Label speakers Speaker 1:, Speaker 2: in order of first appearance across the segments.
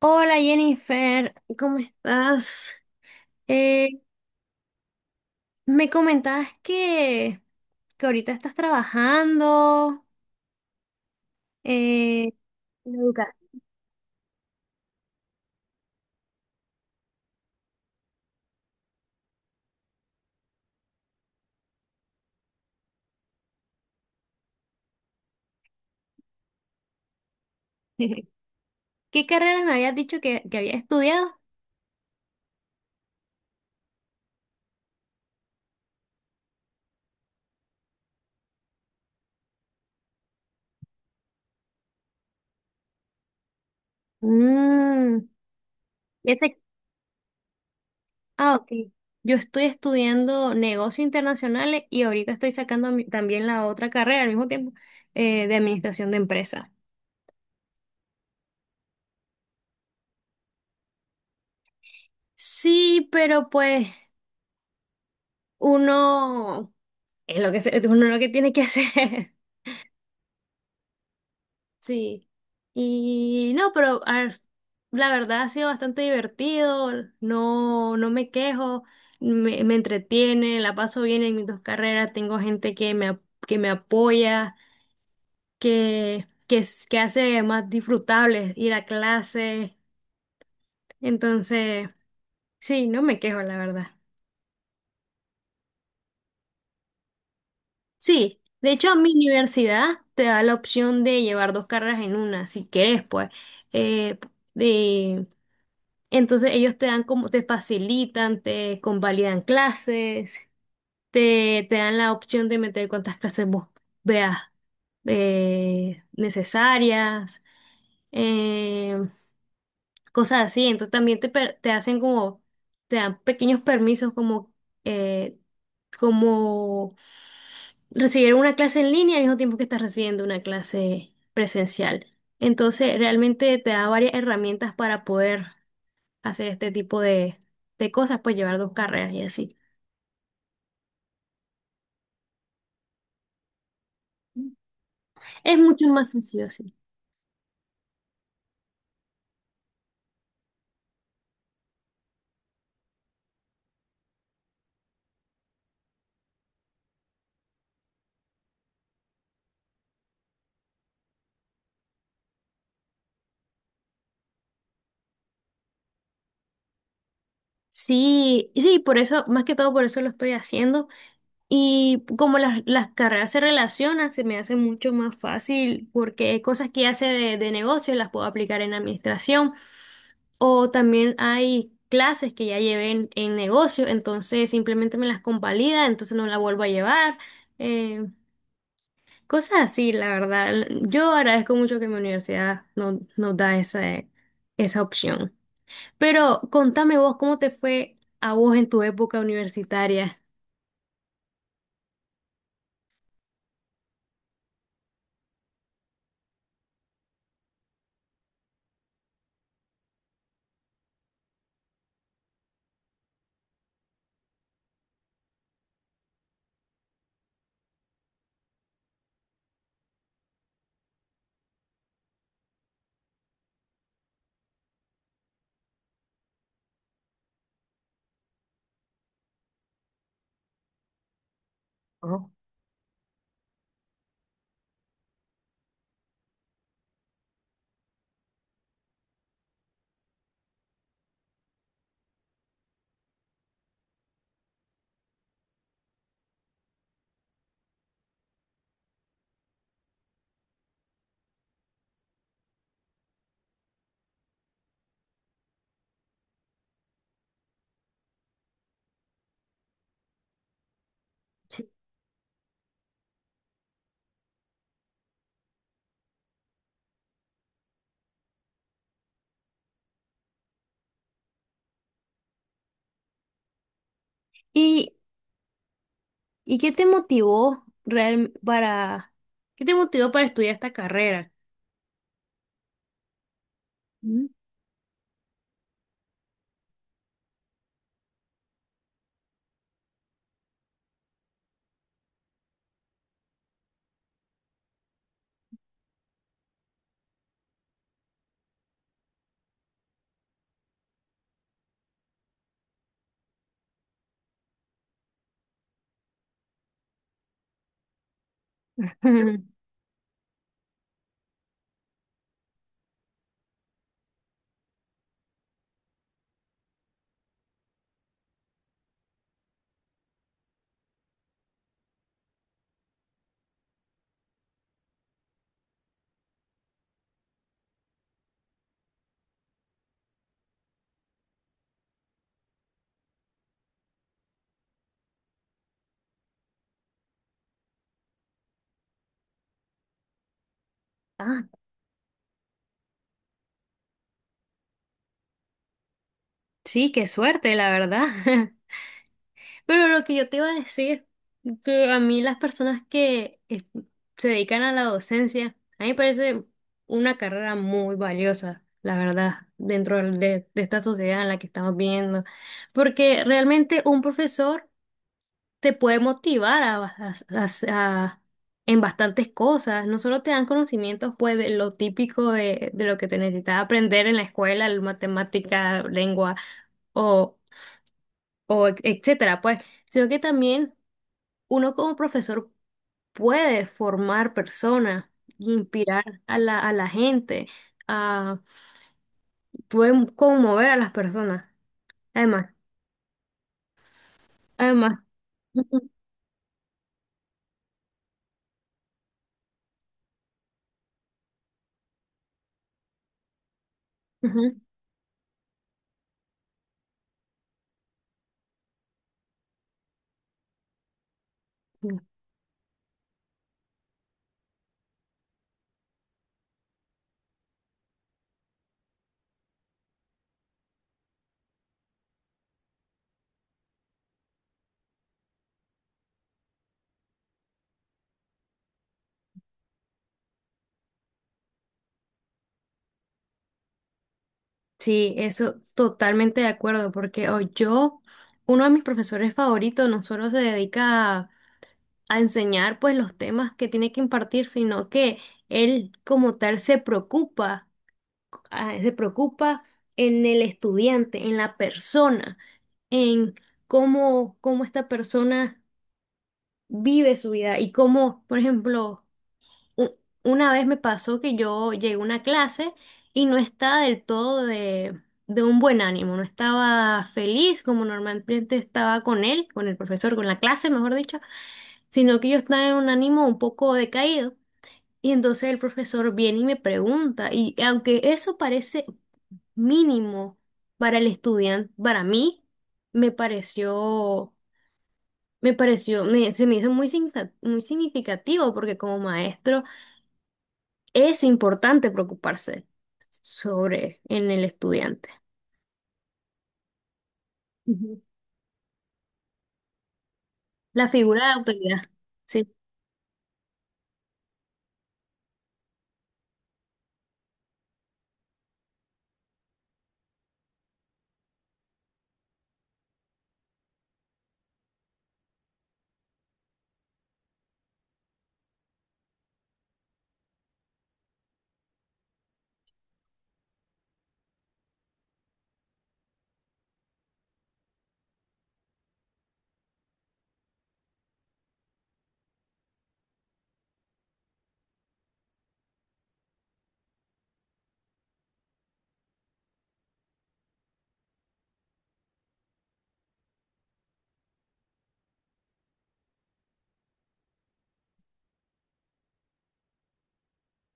Speaker 1: Hola Jennifer, ¿cómo estás? Eh, me comentabas que ahorita estás trabajando eh, en educar. ¿Qué carreras me habías dicho que había estudiado? Mm, ya sé- Ah, ok. Yo estoy estudiando negocios internacionales y ahorita estoy sacando también la otra carrera al mismo tiempo de administración de empresas. Sí, pero pues uno es lo uno es lo que tiene que hacer. Sí. Y no, pero a ver, la verdad ha sido bastante divertido, no, no me quejo, me entretiene, la paso bien en mis dos carreras, tengo gente que que me apoya, que hace más disfrutable ir a clase. Entonces, sí, no me quejo, la verdad. Sí, de hecho mi universidad te da la opción de llevar dos carreras en una, si quieres, pues. Eh, Entonces ellos te dan como, te facilitan, te convalidan clases, te dan la opción de meter cuantas clases vos veas necesarias, eh, cosas así. Entonces también te hacen como, te dan pequeños permisos como, eh, como recibir una clase en línea al mismo tiempo que estás recibiendo una clase presencial. Entonces realmente te da varias herramientas para poder hacer este tipo de cosas, pues llevar dos carreras y así. Es mucho más sencillo así. Sí, y sí, por eso, más que todo por eso lo estoy haciendo. Y como las carreras se relacionan, se me hace mucho más fácil porque cosas que hace de negocio las puedo aplicar en administración. O también hay clases que ya llevé en negocio, entonces simplemente me las convalida, entonces no la vuelvo a llevar. eh, Cosas así, la verdad. Yo agradezco mucho que mi universidad nos da esa opción. Pero contame vos, ¿cómo te fue a vos en tu época universitaria? Sí. ¿Y, y qué te motivó real para, qué te motivó para estudiar esta carrera? Mm, Ah, sí, qué suerte, la verdad. Pero lo que yo te iba a decir, que a mí las personas que se dedican a la docencia, a mí me parece una carrera muy valiosa, la verdad, dentro de esta sociedad en la que estamos viendo, porque realmente un profesor te puede motivar a- en bastantes cosas, no solo te dan conocimientos, pues, de lo típico de lo que te necesitas aprender en la escuela, matemática, lengua o, etcétera, pues, sino que también uno como profesor puede formar personas, inspirar a a la gente, a, puede conmover a las personas. Además, además. Ujú, ujú. Sí, eso totalmente de acuerdo, porque o yo, uno de mis profesores favoritos, no solo se dedica a enseñar pues los temas que tiene que impartir, sino que él como tal se preocupa se preocupa en el estudiante, en la persona, en cómo, cómo esta persona vive su vida y cómo, por ejemplo, u- una vez me pasó que yo llegué a una clase y no estaba del todo de un buen ánimo, no estaba feliz como normalmente estaba con él, con el profesor, con la clase, mejor dicho, sino que yo estaba en un ánimo un poco decaído. Y entonces el profesor viene y me pregunta, y aunque eso parece mínimo para el estudiante, para mí, me pareció, me pareció, se me hizo muy significativo porque como maestro es importante preocuparse sobre en el estudiante. Ujú. La figura de autoridad. Sí,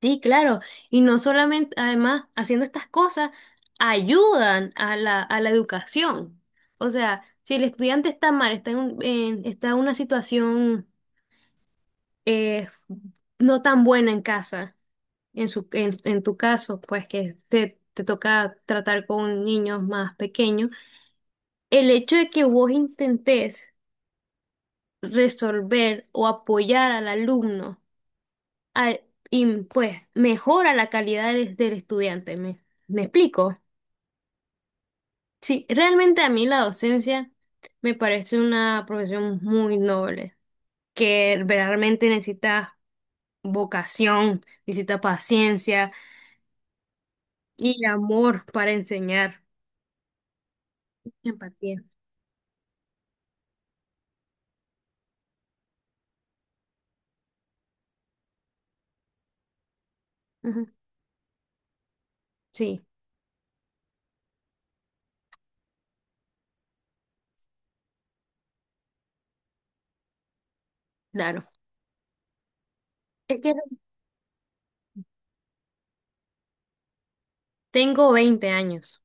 Speaker 1: sí, claro. Y no solamente, además, haciendo estas cosas, ayudan a a la educación. O sea, si el estudiante está mal, está está en una situación eh, no tan buena en casa. En en tu caso, pues que te toca tratar con niños más pequeños, el hecho de que vos intentes resolver o apoyar al alumno, a- y, pues mejora la calidad del estudiante. ¿Me, me explico? Sí, realmente a mí la docencia me parece una profesión muy noble, que realmente necesita vocación, necesita paciencia. Y amor para enseñar. Empatía. Ujú. Sí, claro. Es que tengo 20 años.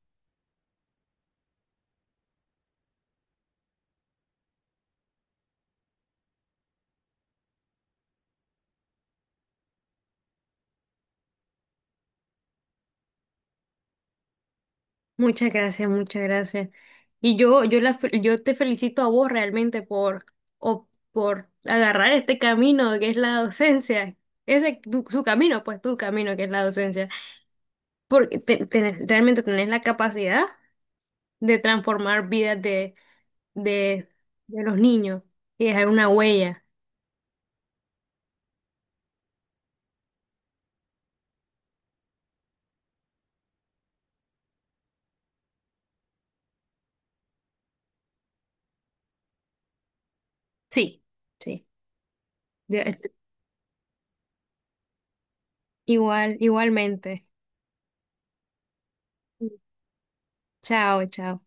Speaker 1: Muchas gracias, muchas gracias. Y yo te felicito a vos realmente por, o, por agarrar este camino que es la docencia. Su camino, pues tu camino que es la docencia. Porque realmente tenés la capacidad de transformar vidas de, de los niños y dejar una huella. Sí, sí. Igual, igualmente. Chao, chao.